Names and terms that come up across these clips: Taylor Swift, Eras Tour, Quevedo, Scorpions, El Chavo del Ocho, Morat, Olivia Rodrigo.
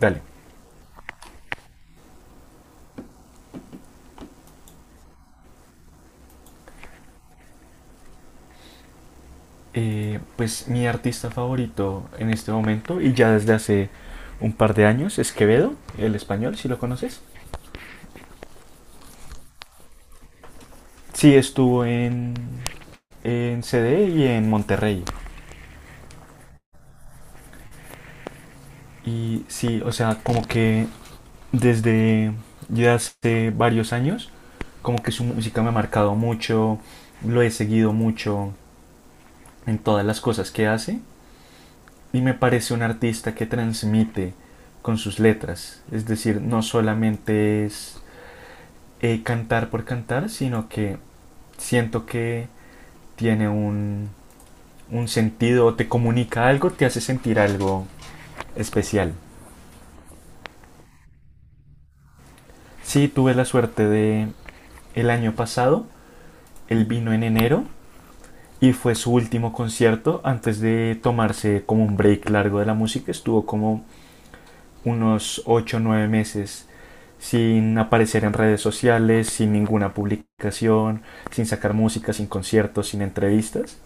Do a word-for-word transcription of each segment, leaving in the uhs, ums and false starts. Dale. Eh, pues mi artista favorito en este momento y ya desde hace un par de años es Quevedo, el español, si lo conoces. Sí, estuvo en, en C D y en Monterrey. Y sí, o sea, como que desde ya hace varios años, como que su música me ha marcado mucho, lo he seguido mucho en todas las cosas que hace y me parece un artista que transmite con sus letras. Es decir, no solamente es eh, cantar por cantar, sino que siento que tiene un, un sentido, te comunica algo, te hace sentir algo especial. Sí, tuve la suerte de el año pasado, él vino en enero y fue su último concierto antes de tomarse como un break largo de la música. Estuvo como unos ocho o nueve meses sin aparecer en redes sociales, sin ninguna publicación, sin sacar música, sin conciertos, sin entrevistas.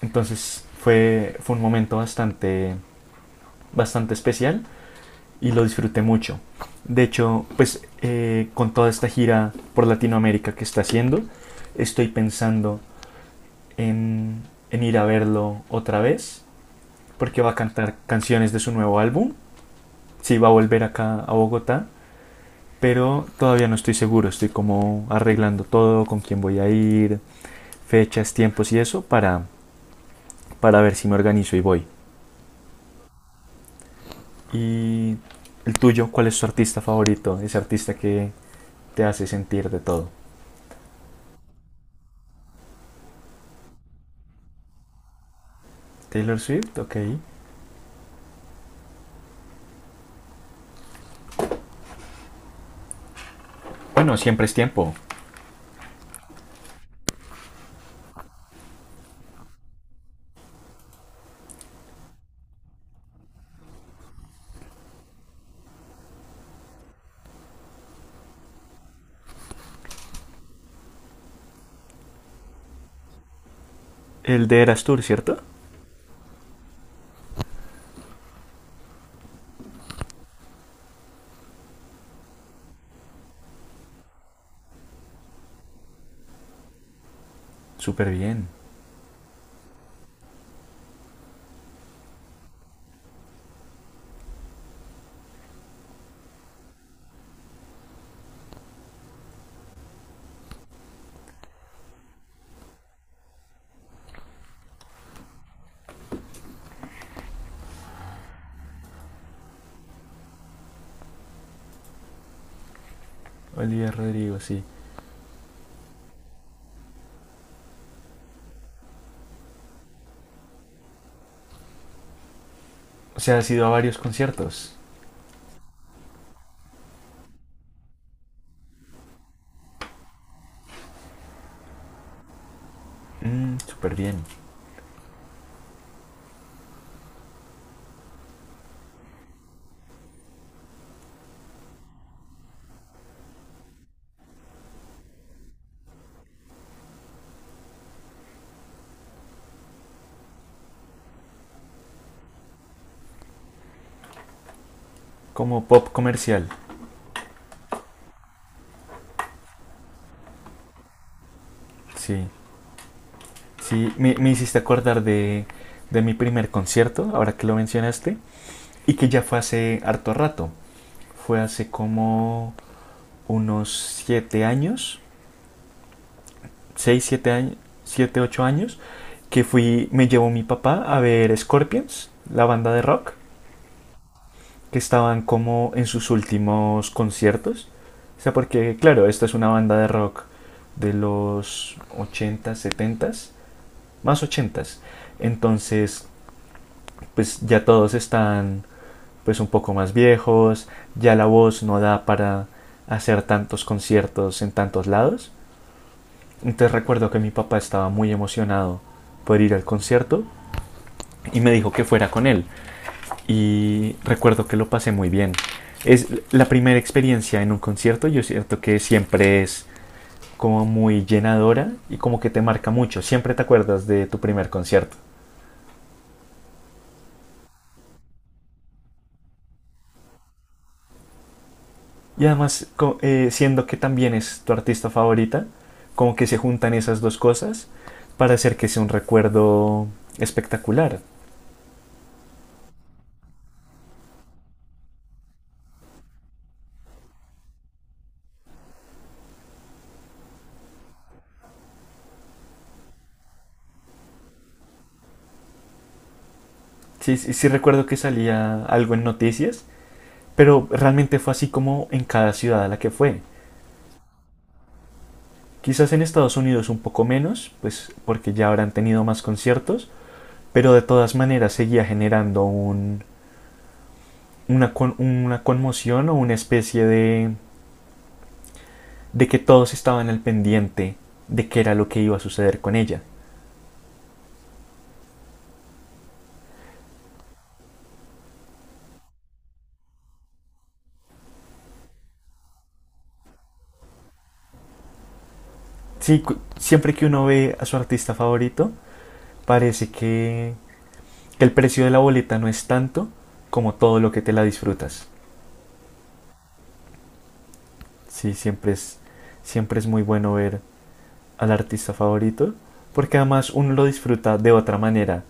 Entonces fue, fue un momento bastante, bastante especial y lo disfruté mucho. De hecho, pues eh, con toda esta gira por Latinoamérica que está haciendo, estoy pensando en, en ir a verlo otra vez, porque va a cantar canciones de su nuevo álbum. Sí, va a volver acá a Bogotá, pero todavía no estoy seguro. Estoy como arreglando todo, con quién voy a ir, fechas, tiempos y eso, para, para ver si me organizo y voy. Y el tuyo, ¿cuál es tu artista favorito? Ese artista que te hace sentir de todo. Taylor Swift, ok. Bueno, siempre es tiempo. El de Eras Tour, ¿cierto? Súper bien. Olivia Rodrigo, sí. O sea, has ido a varios conciertos. Mm, súper bien. Como pop comercial. Sí. Sí, me, me hiciste acordar de, de mi primer concierto, ahora que lo mencionaste, y que ya fue hace harto rato. Fue hace como unos siete años seis siete años, siete, ocho años, que fui, me llevó mi papá a ver Scorpions, la banda de rock, que estaban como en sus últimos conciertos. O sea, porque claro, esta es una banda de rock de los ochentas setentas más ochentas. Entonces, pues ya todos están pues un poco más viejos, ya la voz no da para hacer tantos conciertos en tantos lados. Entonces recuerdo que mi papá estaba muy emocionado por ir al concierto y me dijo que fuera con él. Y recuerdo que lo pasé muy bien. Es la primera experiencia en un concierto, yo siento que siempre es como muy llenadora y como que te marca mucho. Siempre te acuerdas de tu primer concierto. Y además, eh, siendo que también es tu artista favorita, como que se juntan esas dos cosas para hacer que sea un recuerdo espectacular. Sí, sí, sí recuerdo que salía algo en noticias. Pero realmente fue así como en cada ciudad a la que fue. Quizás en Estados Unidos un poco menos, pues porque ya habrán tenido más conciertos, pero de todas maneras seguía generando un, una, con, una conmoción o una especie de, de que todos estaban al pendiente de qué era lo que iba a suceder con ella. Sí, siempre que uno ve a su artista favorito, parece que, que el precio de la boleta no es tanto como todo lo que te la disfrutas. Sí, siempre es, siempre es muy bueno ver al artista favorito, porque además uno lo disfruta de otra manera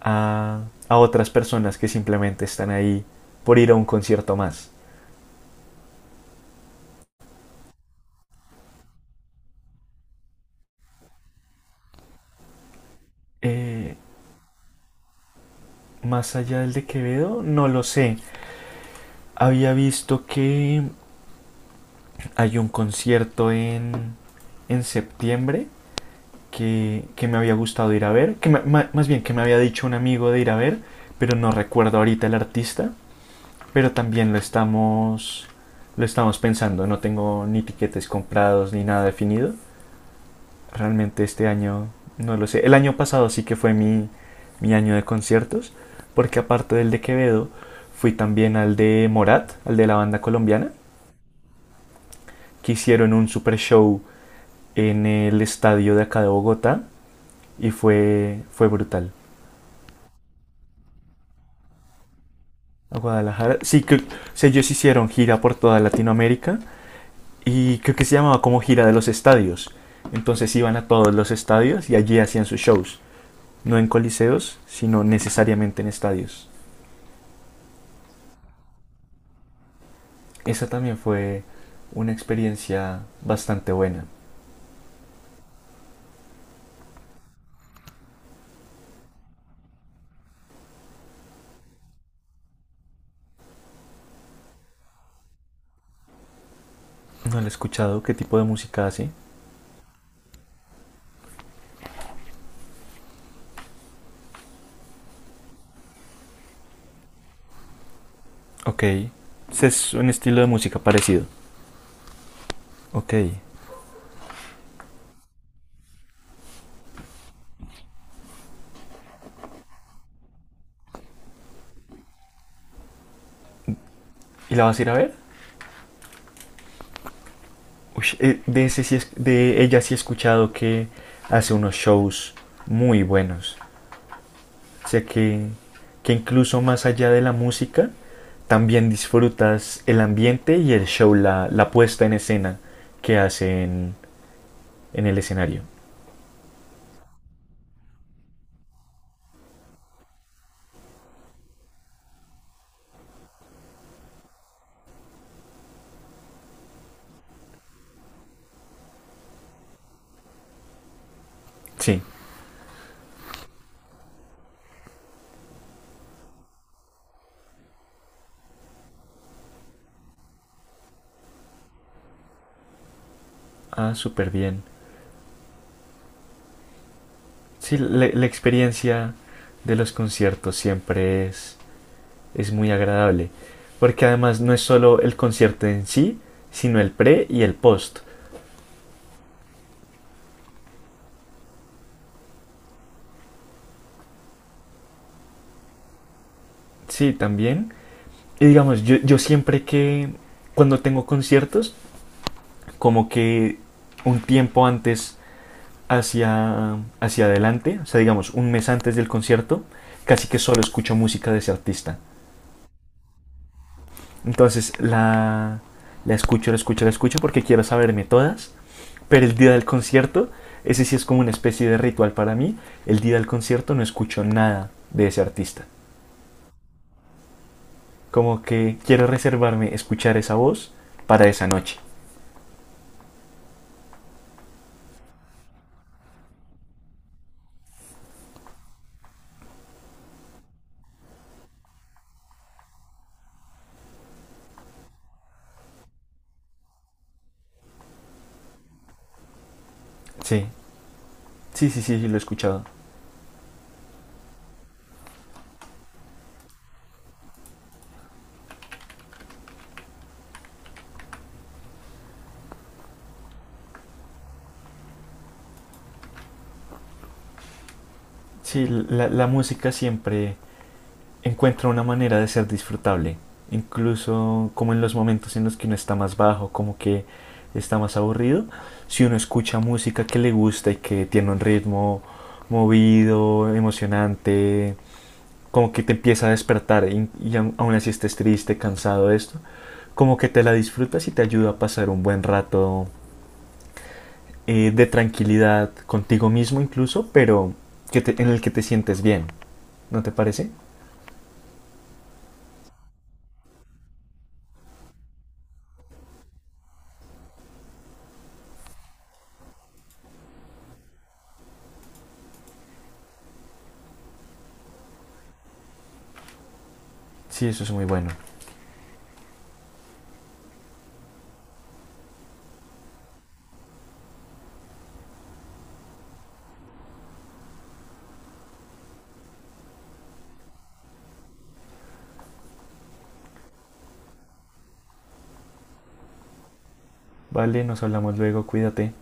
a, a otras personas que simplemente están ahí por ir a un concierto más. Eh, Más allá del de Quevedo, no lo sé. Había visto que hay un concierto en, en septiembre que, que me había gustado ir a ver, que me- más bien que me había dicho un amigo de ir a ver, pero no recuerdo ahorita el artista. Pero también lo estamos, lo estamos pensando. No tengo ni tiquetes comprados ni nada definido. Realmente este año no lo sé. El año pasado sí que fue mi, mi año de conciertos, porque aparte del de Quevedo, fui también al de Morat, al de la banda colombiana, que hicieron un super show en el estadio de acá de Bogotá y fue, fue brutal. A Guadalajara, sí que o sea, ellos hicieron gira por toda Latinoamérica y creo que se llamaba como gira de los estadios. Entonces iban a todos los estadios y allí hacían sus shows. No en coliseos, sino necesariamente en estadios. Esa también fue una experiencia bastante buena. No la he escuchado. ¿Qué tipo de música hace? Ok. Es un estilo de música parecido. Ok. ¿Y la vas a ir a ver? Uy, eh, de, ese sí es- de ella sí he escuchado que hace unos shows muy buenos. Sé que, que incluso más allá de la música, también disfrutas el ambiente y el show, la, la puesta en escena que hacen en el escenario. Sí. Ah, súper bien. Sí, la, la experiencia de los conciertos siempre es, es muy agradable. Porque además no es solo el concierto en sí, sino el pre y el post. Sí, también. Y digamos, yo, yo siempre que cuando tengo conciertos, como que un tiempo antes hacia, hacia adelante, o sea, digamos, un mes antes del concierto, casi que solo escucho música de ese artista. Entonces la, la escucho, la escucho, la escucho porque quiero saberme todas, pero el día del concierto, ese sí es como una especie de ritual para mí, el día del concierto no escucho nada de ese artista. Como que quiero reservarme escuchar esa voz para esa noche. Sí, sí, sí, sí, sí, lo he escuchado. Sí, la, la música siempre encuentra una manera de ser disfrutable, incluso como en los momentos en los que uno está más bajo, como que está más aburrido, si uno escucha música que le gusta y que tiene un ritmo movido, emocionante, como que te empieza a despertar y, y aún así estés triste, cansado de esto, como que te la disfrutas y te ayuda a pasar un buen rato eh, de tranquilidad contigo mismo incluso, pero que te- en el que te sientes bien, ¿no te parece? Sí, eso es muy bueno. Vale, nos hablamos luego, cuídate.